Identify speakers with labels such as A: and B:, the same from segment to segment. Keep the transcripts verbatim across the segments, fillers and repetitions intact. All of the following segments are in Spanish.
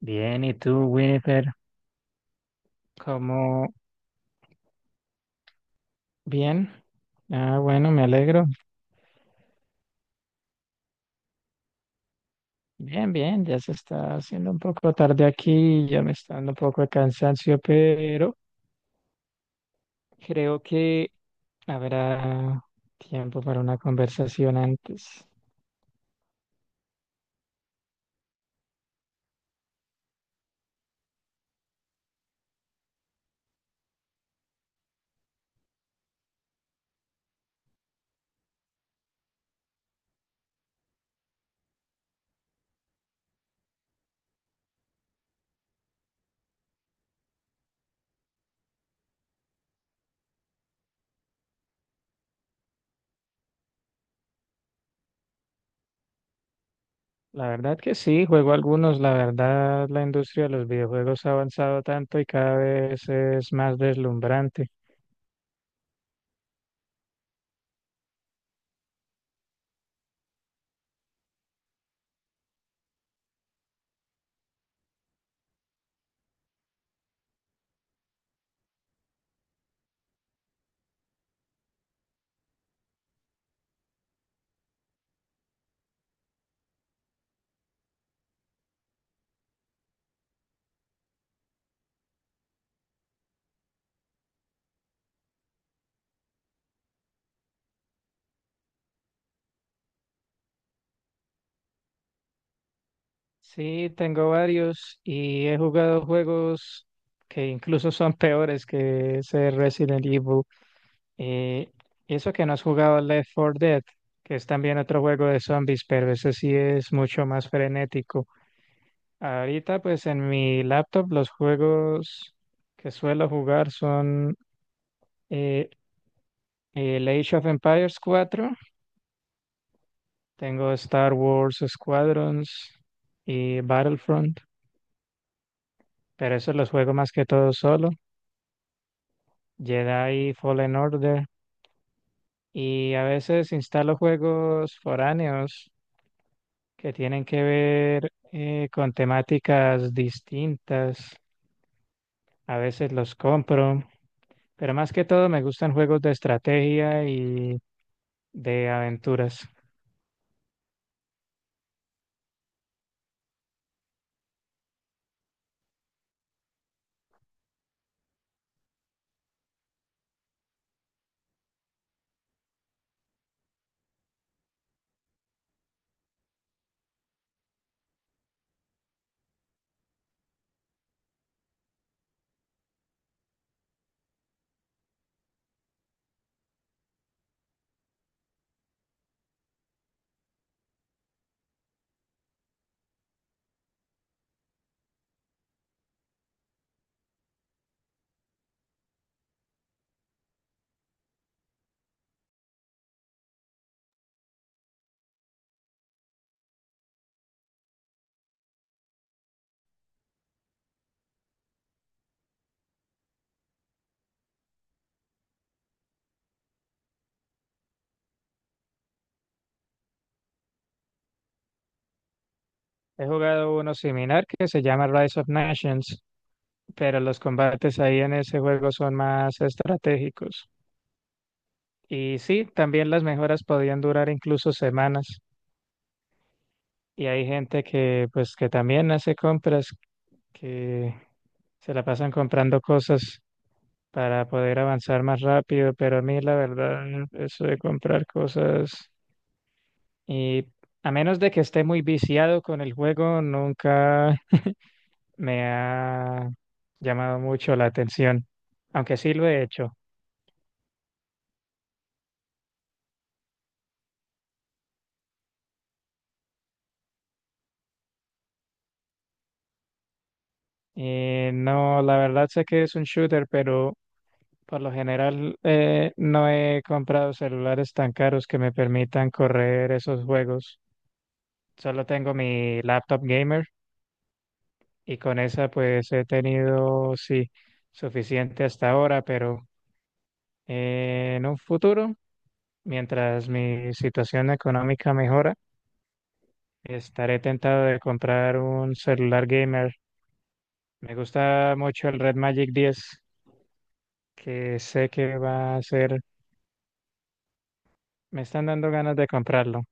A: Bien, ¿y tú, Winifred? ¿Cómo? Bien. Ah, bueno, me alegro. Bien, bien, ya se está haciendo un poco tarde aquí, ya me está dando un poco de cansancio, pero creo que habrá tiempo para una conversación antes. La verdad que sí, juego algunos. La verdad, la industria de los videojuegos ha avanzado tanto y cada vez es más deslumbrante. Sí, tengo varios y he jugado juegos que incluso son peores que ese Resident Evil. Eh, Y eso que no has jugado Left four Dead, que es también otro juego de zombies, pero ese sí es mucho más frenético. Ahorita, pues en mi laptop, los juegos que suelo jugar son eh, el Age of Empires cuatro, tengo Star Wars Squadrons y Battlefront, pero eso los juego más que todo solo. Jedi Fallen Order, y a veces instalo juegos foráneos que tienen que ver eh, con temáticas distintas. A veces los compro, pero más que todo me gustan juegos de estrategia y de aventuras. He jugado uno similar que se llama Rise of Nations, pero los combates ahí en ese juego son más estratégicos. Y sí, también las mejoras podían durar incluso semanas. Y hay gente que, pues, que también hace compras, que se la pasan comprando cosas para poder avanzar más rápido, pero a mí la verdad, eso de comprar cosas, y a menos de que esté muy viciado con el juego, nunca me ha llamado mucho la atención, aunque sí lo he hecho. Y no, la verdad sé que es un shooter, pero por lo general eh, no he comprado celulares tan caros que me permitan correr esos juegos. Solo tengo mi laptop gamer, y con esa pues he tenido, sí, suficiente hasta ahora, pero eh, en un futuro, mientras mi situación económica mejora, estaré tentado de comprar un celular gamer. Me gusta mucho el Red Magic diez, que sé que va a ser, me están dando ganas de comprarlo.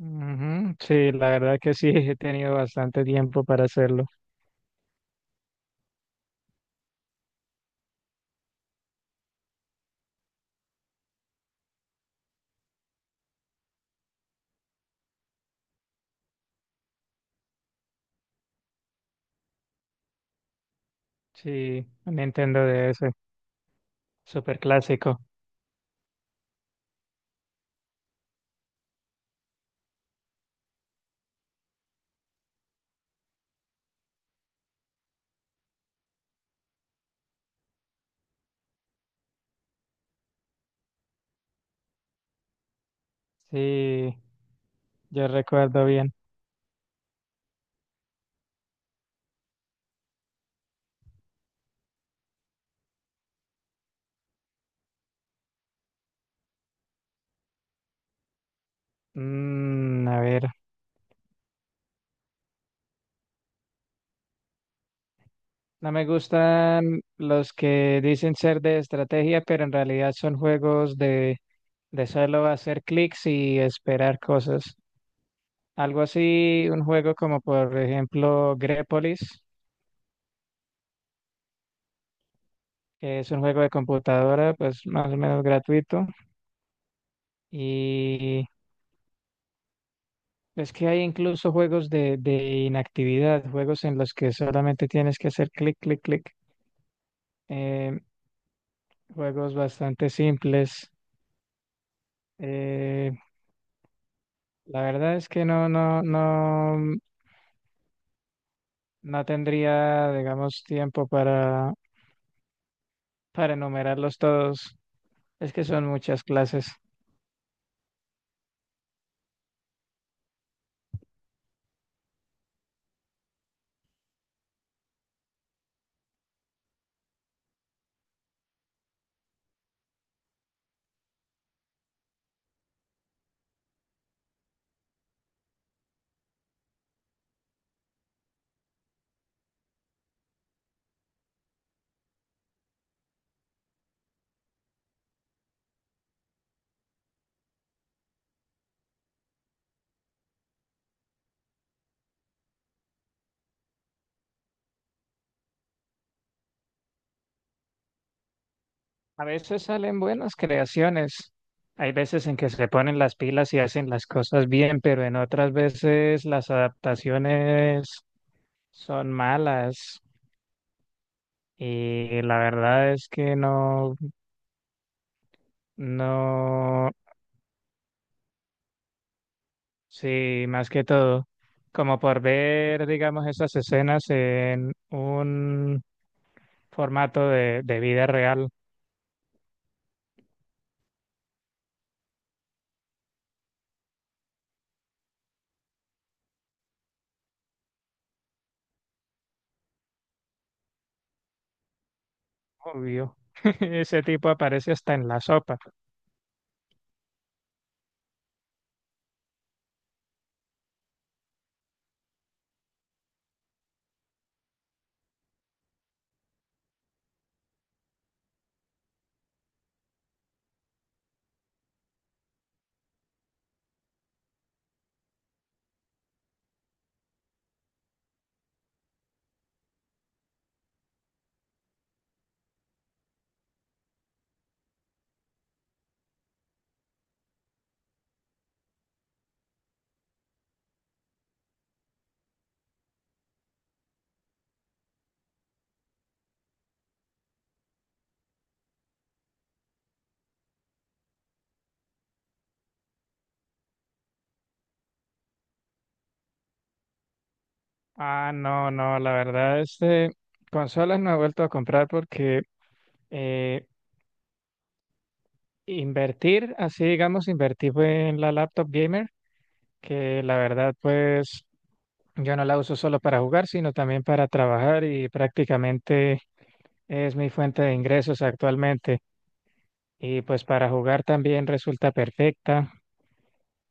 A: Ujú. Sí, la verdad que sí, he tenido bastante tiempo para hacerlo. Sí, un Nintendo D S, súper clásico. Sí. Yo recuerdo bien. Mm, a ver, no me gustan los que dicen ser de estrategia, pero en realidad son juegos de, de solo hacer clics y esperar cosas. Algo así, un juego como por ejemplo Grepolis, que es un juego de computadora, pues más o menos gratuito. Y es que hay incluso juegos de, de inactividad, juegos en los que solamente tienes que hacer clic, clic, clic. Eh, juegos bastante simples. Eh, la verdad es que no, no, no, mm, no tendría, digamos, tiempo para, para enumerarlos todos. Es que son muchas clases. A veces salen buenas creaciones. Hay veces en que se ponen las pilas y hacen las cosas bien, pero en otras veces las adaptaciones son malas. Y la verdad es que no, no. Sí, más que todo, como por ver, digamos, esas escenas en un formato de, de vida real, obvio. Ese tipo aparece hasta en la sopa. Ah, no, no, la verdad, este, consolas no he vuelto a comprar porque eh, invertir, así digamos, invertir fue en la laptop gamer, que la verdad, pues yo no la uso solo para jugar, sino también para trabajar, y prácticamente es mi fuente de ingresos actualmente, y pues para jugar también resulta perfecta.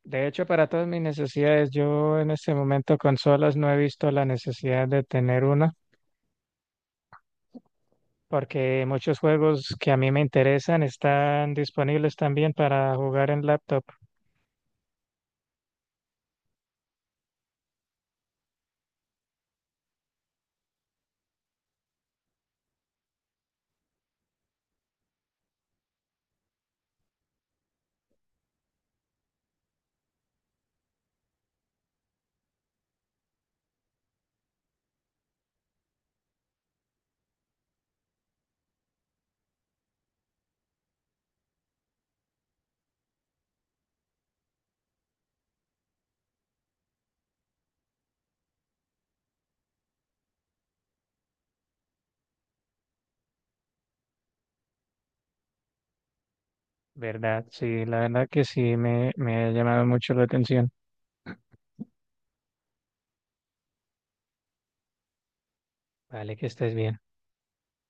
A: De hecho, para todas mis necesidades, yo en este momento consolas no he visto la necesidad de tener una, porque muchos juegos que a mí me interesan están disponibles también para jugar en laptop. ¿Verdad? Sí, la verdad que sí, me, me ha llamado mucho la atención. Vale, que estés bien.